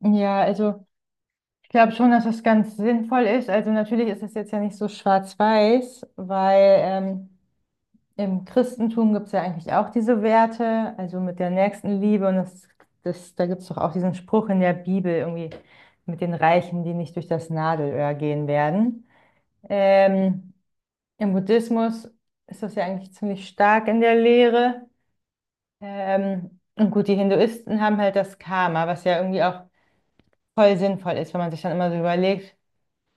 Ja, also ich glaube schon, dass das ganz sinnvoll ist. Also natürlich ist es jetzt ja nicht so schwarz-weiß, weil im Christentum gibt es ja eigentlich auch diese Werte, also mit der Nächstenliebe und das, da gibt es doch auch diesen Spruch in der Bibel irgendwie mit den Reichen, die nicht durch das Nadelöhr gehen werden. Ähm, Im Buddhismus ist das ja eigentlich ziemlich stark in der Lehre. Ähm, und gut, die Hinduisten haben halt das Karma, was ja irgendwie auch voll sinnvoll ist, wenn man sich dann immer so überlegt,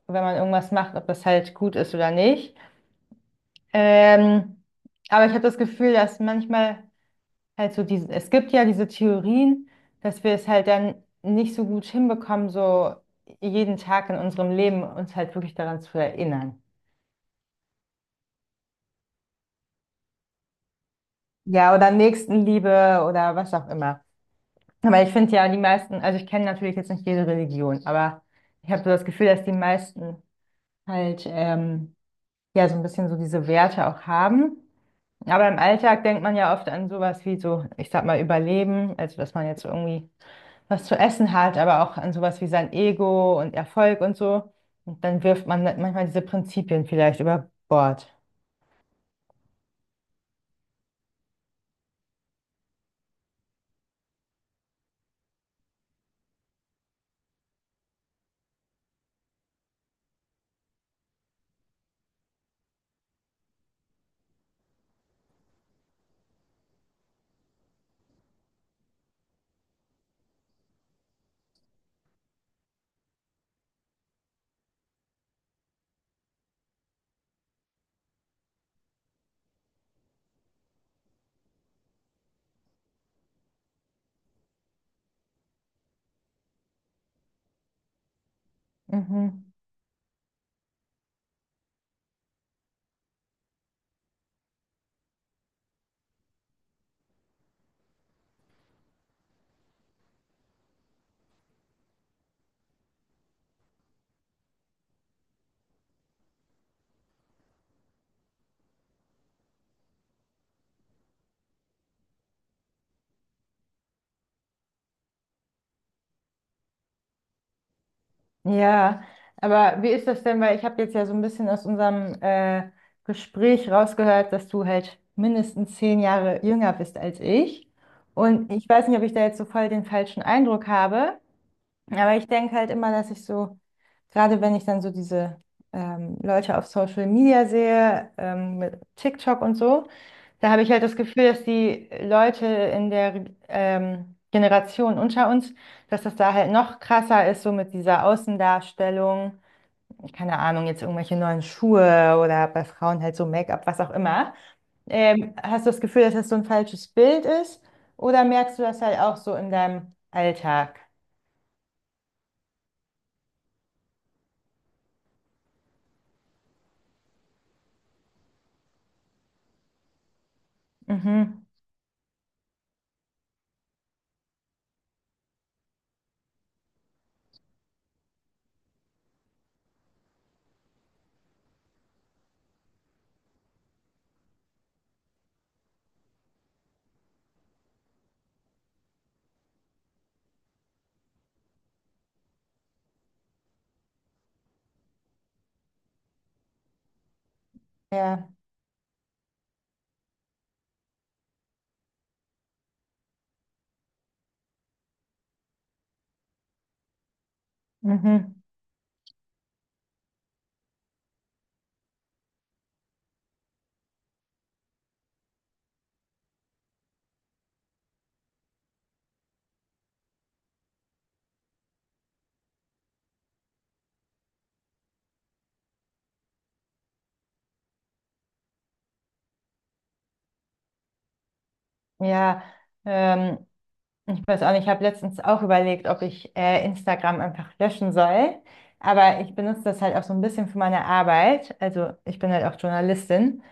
wenn man irgendwas macht, ob das halt gut ist oder nicht. Ähm, aber ich habe das Gefühl, dass manchmal halt so diese, es gibt ja diese Theorien, dass wir es halt dann nicht so gut hinbekommen, so jeden Tag in unserem Leben uns halt wirklich daran zu erinnern. Ja, oder Nächstenliebe oder was auch immer. Aber ich finde ja, die meisten, also ich kenne natürlich jetzt nicht jede Religion, aber ich habe so das Gefühl, dass die meisten halt ja so ein bisschen so diese Werte auch haben. Aber im Alltag denkt man ja oft an sowas wie so, ich sag mal, Überleben, also dass man jetzt irgendwie was zu essen hat, aber auch an sowas wie sein Ego und Erfolg und so. Und dann wirft man manchmal diese Prinzipien vielleicht über Bord. Mhm. Ja, aber wie ist das denn? Weil ich habe jetzt ja so ein bisschen aus unserem Gespräch rausgehört, dass du halt mindestens zehn Jahre jünger bist als ich. Und ich weiß nicht, ob ich da jetzt so voll den falschen Eindruck habe, aber ich denke halt immer, dass ich so, gerade wenn ich dann so diese Leute auf Social Media sehe, mit TikTok und so, da habe ich halt das Gefühl, dass die Leute in der Generation unter uns, dass das da halt noch krasser ist, so mit dieser Außendarstellung. Keine Ahnung, jetzt irgendwelche neuen Schuhe oder bei Frauen halt so Make-up, was auch immer. Hast du das Gefühl, dass das so ein falsches Bild ist? Oder merkst du das halt auch so in deinem Alltag? Mhm. Ja, mhm. Ja, ähm, ich weiß auch nicht, ich habe letztens auch überlegt, ob ich Instagram einfach löschen soll. Aber ich benutze das halt auch so ein bisschen für meine Arbeit. Also ich bin halt auch Journalistin.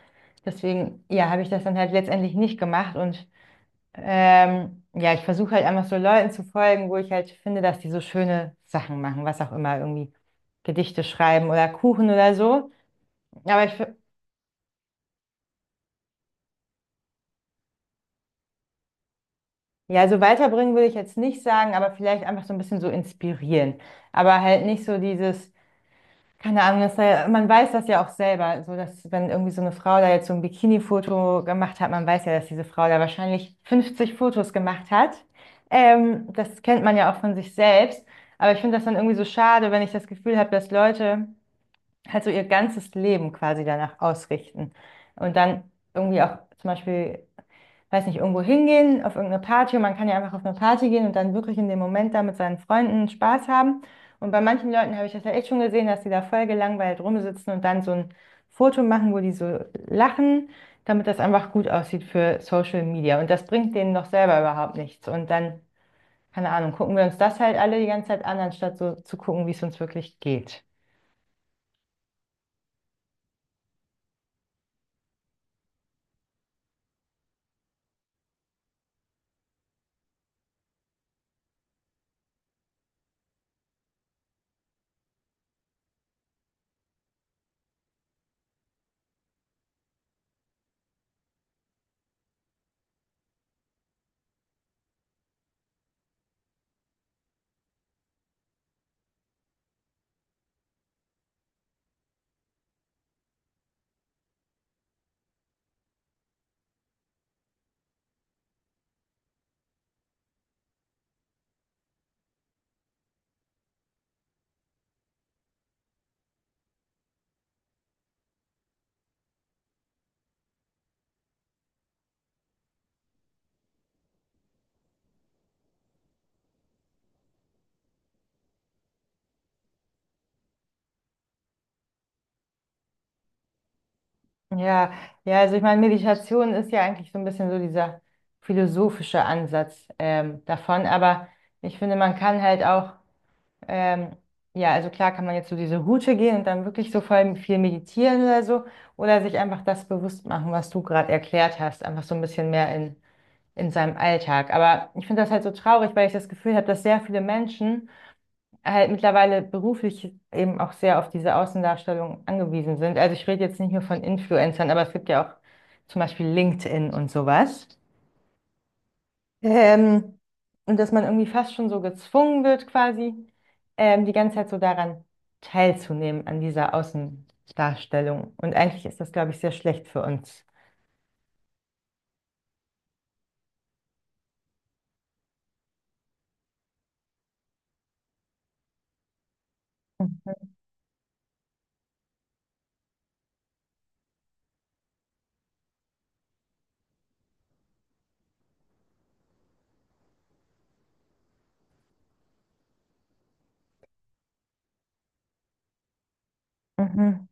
Deswegen, ja, habe ich das dann halt letztendlich nicht gemacht. Und ja, ich versuche halt einfach so Leuten zu folgen, wo ich halt finde, dass die so schöne Sachen machen, was auch immer, irgendwie Gedichte schreiben oder Kuchen oder so. Aber ich, ja, also weiterbringen würde ich jetzt nicht sagen, aber vielleicht einfach so ein bisschen so inspirieren. Aber halt nicht so dieses, keine Ahnung, das, sei- man weiß das ja auch selber, so dass wenn irgendwie so eine Frau da jetzt so ein Bikini-Foto gemacht hat, man weiß ja, dass diese Frau da wahrscheinlich 50 Fotos gemacht hat. Das kennt man ja auch von sich selbst. Aber ich finde das dann irgendwie so schade, wenn ich das Gefühl habe, dass Leute halt so ihr ganzes Leben quasi danach ausrichten und dann irgendwie auch zum Beispiel weiß nicht, irgendwo hingehen, auf irgendeine Party. Und man kann ja einfach auf eine Party gehen und dann wirklich in dem Moment da mit seinen Freunden Spaß haben. Und bei manchen Leuten habe ich das ja echt schon gesehen, dass die da voll gelangweilt rumsitzen und dann so ein Foto machen, wo die so lachen, damit das einfach gut aussieht für Social Media. Und das bringt denen doch selber überhaupt nichts. Und dann, keine Ahnung, gucken wir uns das halt alle die ganze Zeit an, anstatt so zu gucken, wie es uns wirklich geht. Ja, ja, also ich meine, Meditation ist ja eigentlich so ein bisschen so dieser philosophische Ansatz davon, aber ich finde, man kann halt auch, ähm, ja, also klar kann man jetzt so diese Route gehen und dann wirklich so voll viel meditieren oder so, oder sich einfach das bewusst machen, was du gerade erklärt hast, einfach so ein bisschen mehr in seinem Alltag. Aber ich finde das halt so traurig, weil ich das Gefühl habe, dass sehr viele Menschen halt mittlerweile beruflich eben auch sehr auf diese Außendarstellung angewiesen sind. Also ich rede jetzt nicht nur von Influencern, aber es gibt ja auch zum Beispiel LinkedIn und sowas. Ähm, und dass man irgendwie fast schon so gezwungen wird, quasi die ganze Zeit so daran teilzunehmen, an dieser Außendarstellung. Und eigentlich ist das, glaube ich, sehr schlecht für uns. Mhm. Mhm.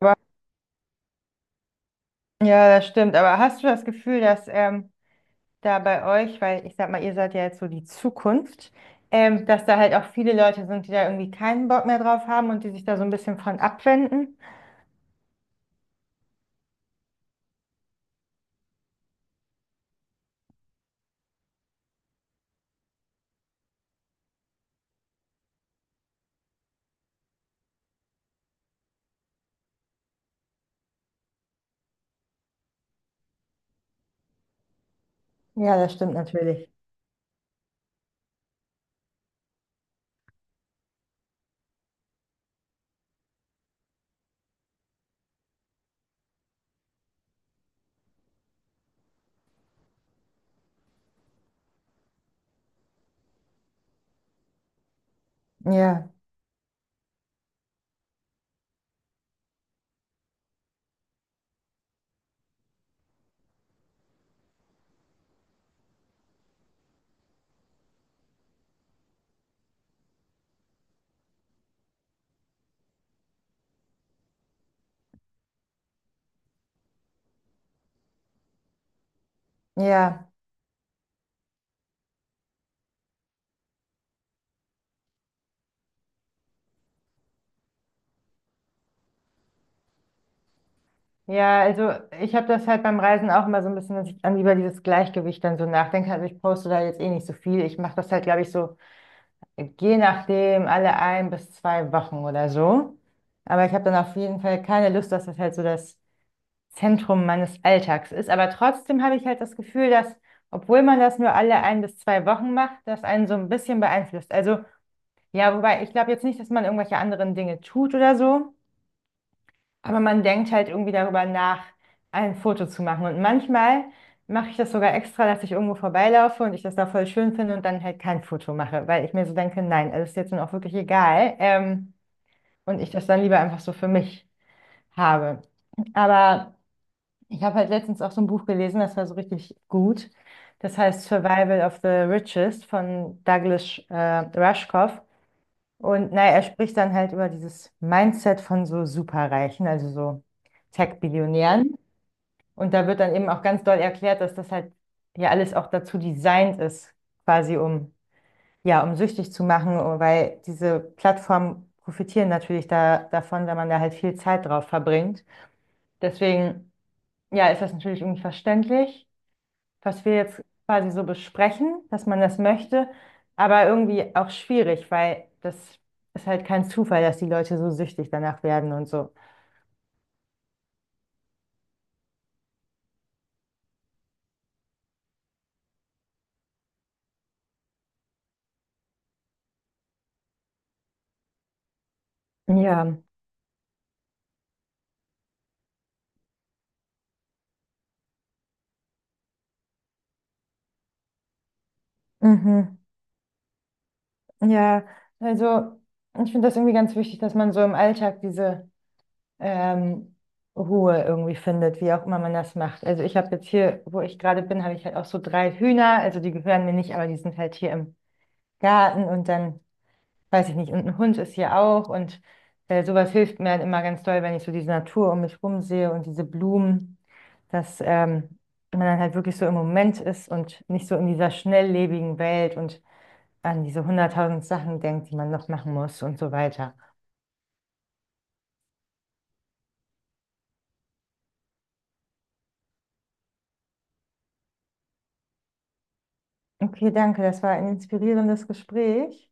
Aber, ja, das stimmt. Aber hast du das Gefühl, dass da bei euch, weil ich sag mal, ihr seid ja jetzt so die Zukunft, dass da halt auch viele Leute sind, die da irgendwie keinen Bock mehr drauf haben und die sich da so ein bisschen von abwenden? Ja, das stimmt natürlich. Ja, ja. Ja, also ich habe das halt beim Reisen auch immer so ein bisschen, dass ich dann über dieses Gleichgewicht dann so nachdenke. Also ich poste da jetzt eh nicht so viel. Ich mache das halt, glaube ich, so je nachdem alle ein bis zwei Wochen oder so. Aber ich habe dann auf jeden Fall keine Lust, dass das halt so das Zentrum meines Alltags ist. Aber trotzdem habe ich halt das Gefühl, dass, obwohl man das nur alle ein bis zwei Wochen macht, das einen so ein bisschen beeinflusst. Also, ja, wobei ich glaube jetzt nicht, dass man irgendwelche anderen Dinge tut oder so, aber man denkt halt irgendwie darüber nach, ein Foto zu machen. Und manchmal mache ich das sogar extra, dass ich irgendwo vorbeilaufe und ich das da voll schön finde und dann halt kein Foto mache, weil ich mir so denke, nein, das ist jetzt nun auch wirklich egal. Und ich das dann lieber einfach so für mich habe. Aber ich habe halt letztens auch so ein Buch gelesen, das war so richtig gut. Das heißt Survival of the Richest von Douglas Rushkoff. Und naja, er spricht dann halt über dieses Mindset von so Superreichen, also so Tech-Billionären. Und da wird dann eben auch ganz doll erklärt, dass das halt ja alles auch dazu designt ist, quasi um, ja, um süchtig zu machen, oh, weil diese Plattformen profitieren natürlich davon, wenn man da halt viel Zeit drauf verbringt. Deswegen, ja, ist das natürlich irgendwie verständlich was wir jetzt quasi so besprechen, dass man das möchte, aber irgendwie auch schwierig, weil das ist halt kein Zufall, dass die Leute so süchtig danach werden und so. Ja, mhm. Ja, also ich finde das irgendwie ganz wichtig, dass man so im Alltag diese ähm, Ruhe irgendwie findet, wie auch immer man das macht. Also ich habe jetzt hier, wo ich gerade bin, habe ich halt auch so drei Hühner, also die gehören mir nicht, aber die sind halt hier im Garten und dann weiß ich nicht, und ein Hund ist hier auch und sowas hilft mir halt immer ganz doll, wenn ich so diese Natur um mich rum sehe und diese Blumen, dass man dann halt wirklich so im Moment ist und nicht so in dieser schnelllebigen Welt und an diese hunderttausend Sachen denkt, die man noch machen muss und so weiter. Okay, danke, das war ein inspirierendes Gespräch.